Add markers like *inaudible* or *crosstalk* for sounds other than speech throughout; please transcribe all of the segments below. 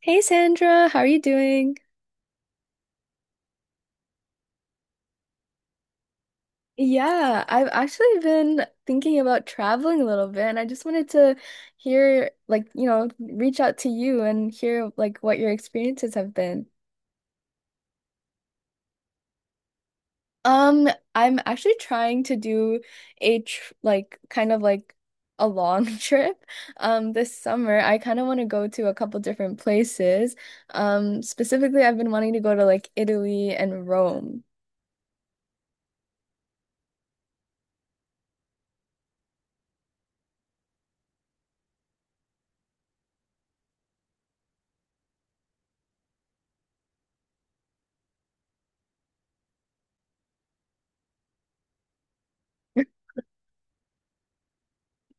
Hey Sandra, how are you doing? Yeah, I've actually been thinking about traveling a little bit and I just wanted to hear like, reach out to you and hear like what your experiences have been. Um, I'm actually trying to do a tr like kind of like a long *laughs* trip. This summer I kind of want to go to a couple different places. Specifically I've been wanting to go to like Italy and Rome.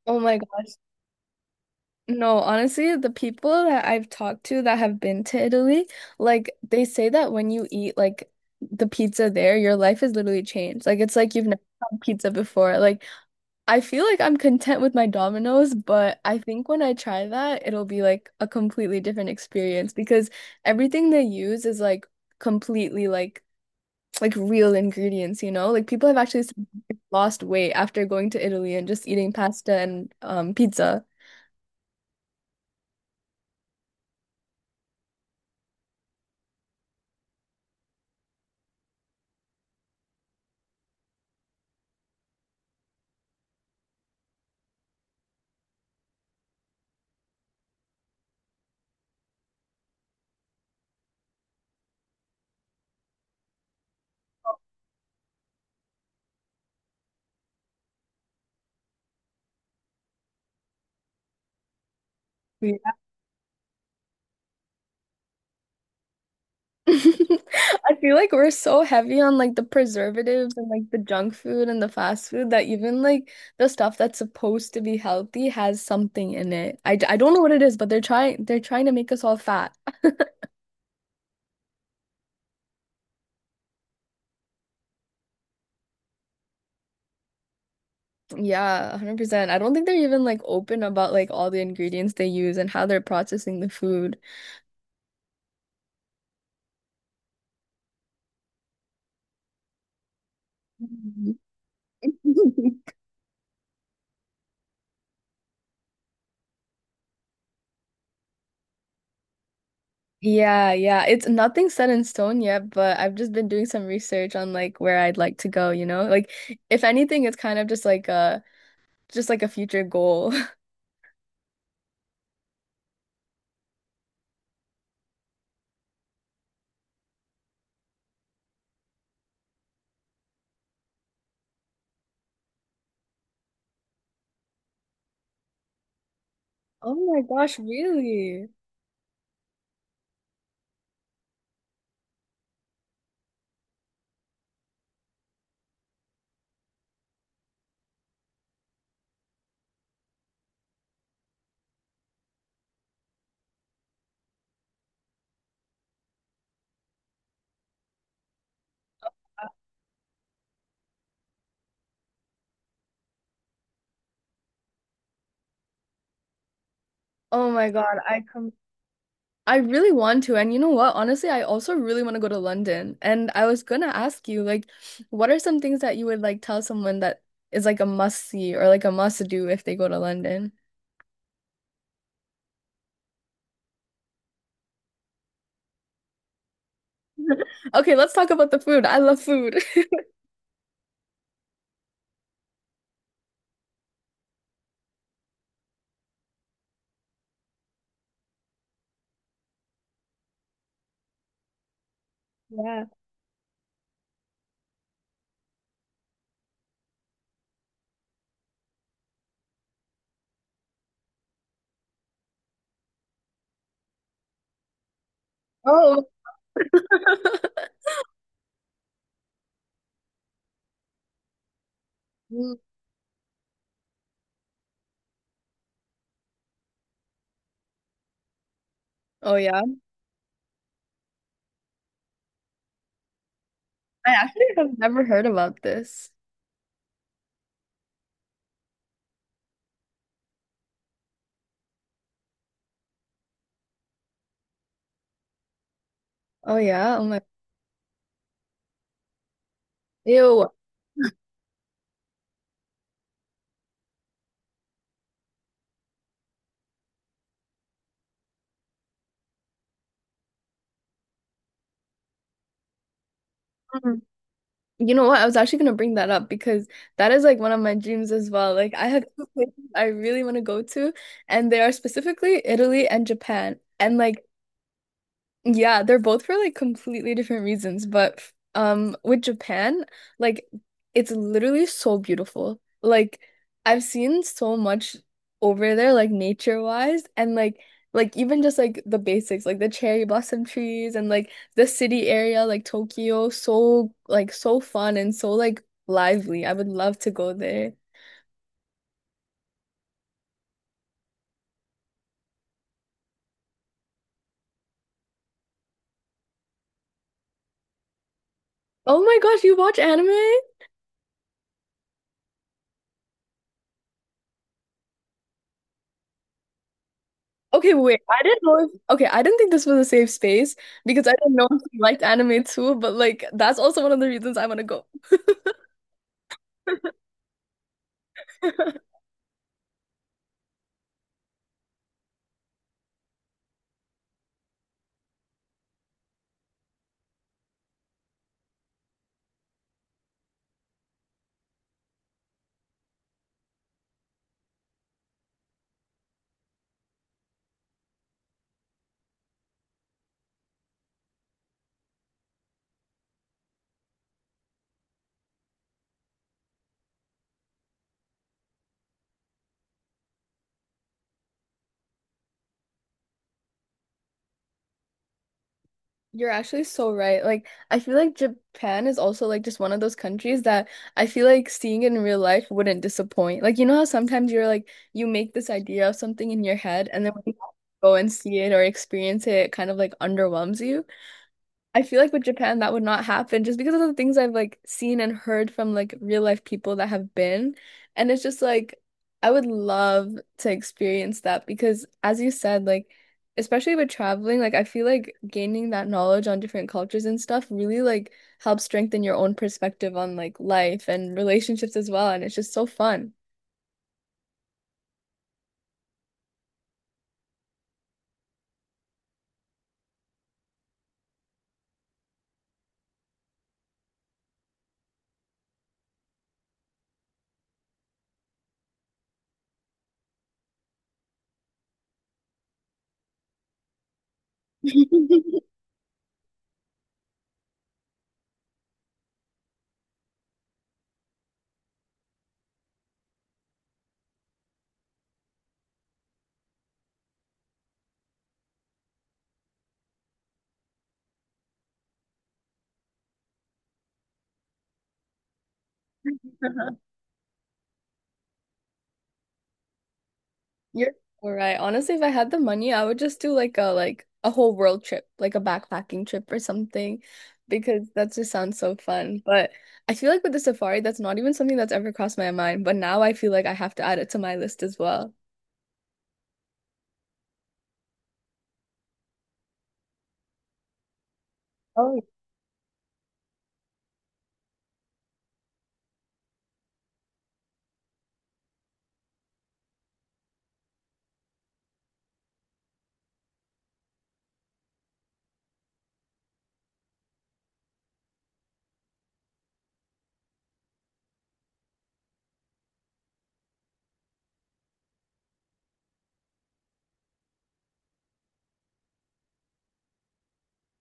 Oh my gosh. No, honestly, the people that I've talked to that have been to Italy, like they say that when you eat like the pizza there, your life is literally changed. Like it's like you've never had pizza before. Like I feel like I'm content with my Domino's, but I think when I try that, it'll be like a completely different experience because everything they use is like completely like real ingredients, you know? Like people have actually lost weight after going to Italy and just eating pasta and pizza. *laughs* I feel like we're so heavy on like the preservatives and like the junk food and the fast food that even like the stuff that's supposed to be healthy has something in it. I don't know what it is, but they're trying to make us all fat. Yeah, 100%. I don't think they're even like open about like all the ingredients they use and how they're processing the food. Mhm. *laughs* Yeah, yeah. It's nothing set in stone yet, but I've just been doing some research on like where I'd like to go, you know? Like if anything, it's kind of just like a future goal. *laughs* Oh my gosh, really? Oh my God, I really want to. And you know what? Honestly, I also really want to go to London. And I was gonna ask you, like, what are some things that you would like tell someone that is like a must see or like a must do if they go to London? Okay, let's talk about the food. I love food. Yeah. Oh. *laughs* Mm. Oh yeah. I actually have never heard about this. Oh yeah. Oh my. Ew. You know what? I was actually gonna bring that up because that is like one of my dreams as well. Like I have two places I really want to go to, and they are specifically Italy and Japan. And like yeah, they're both for like completely different reasons, but with Japan, like it's literally so beautiful. Like I've seen so much over there like nature-wise and like even just like the basics like the cherry blossom trees and like the city area like Tokyo so like so fun and so like lively. I would love to go there. Oh my gosh, you watch anime? Okay, wait. I didn't know if, okay, I didn't think this was a safe space because I didn't know if you liked anime too, but like that's also one of the reasons I want to go. *laughs* You're actually so right. Like, I feel like Japan is also like just one of those countries that I feel like seeing it in real life wouldn't disappoint. Like, you know how sometimes you're like you make this idea of something in your head and then when you go and see it or experience it, it kind of like underwhelms you. I feel like with Japan that would not happen just because of the things I've like seen and heard from like real life people that have been. And it's just like I would love to experience that because as you said, like especially with traveling, like I feel like gaining that knowledge on different cultures and stuff really like helps strengthen your own perspective on like life and relationships as well. And it's just so fun. *laughs* You're all right. Honestly, if I had the money, I would just do like a whole world trip, like a backpacking trip or something, because that just sounds so fun. But I feel like with the safari, that's not even something that's ever crossed my mind. But now I feel like I have to add it to my list as well. Oh.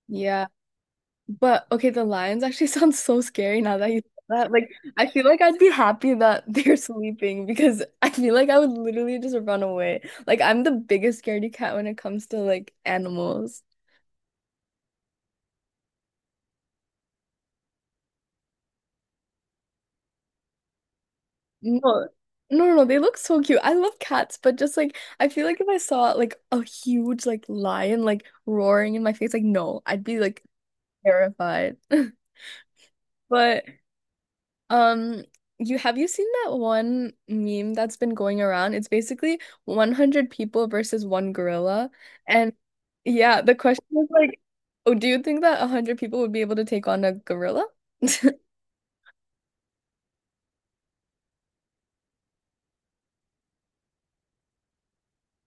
Yeah. But okay, the lions actually *laughs* sounds so scary now that you said that. Like, I feel like I'd be happy that *laughs* they're sleeping because I feel like I would literally just run away. Like, I'm the biggest scaredy cat when it comes to like animals. No, no, no, no, they look so cute. I love cats, but just like I feel like if I saw like a huge like lion like roaring in my face, like no, I'd be like terrified. *laughs* But um, you seen that one meme that's been going around? It's basically 100 people versus one gorilla, and yeah, the question is like, oh, do you think that 100 people would be able to take on a gorilla? *laughs*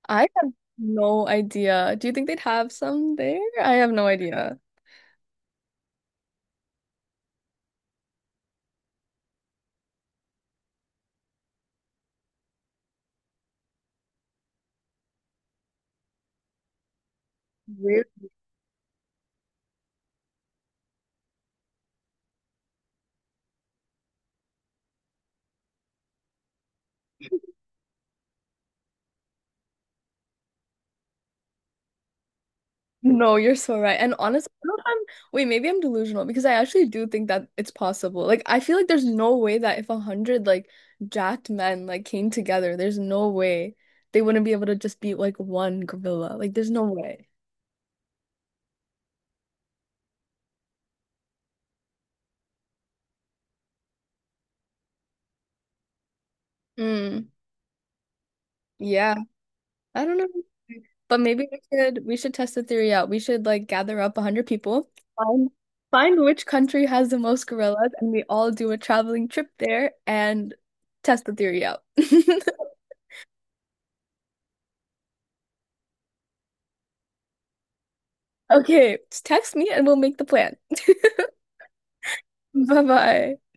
I have no idea. Do you think they'd have some there? I have no idea. No, you're so right. And honestly, I don't know if I'm, wait, maybe I'm delusional because I actually do think that it's possible. Like, I feel like there's no way that if 100 like jacked men like came together, there's no way they wouldn't be able to just beat like one gorilla. Like, there's no way. Mm, yeah, I don't know. But maybe we should test the theory out. We should like gather up 100 people, find find which country has the most gorillas, and we all do a traveling trip there and test the theory out. *laughs* Okay, just text me and we'll make the plan. *laughs* Bye bye.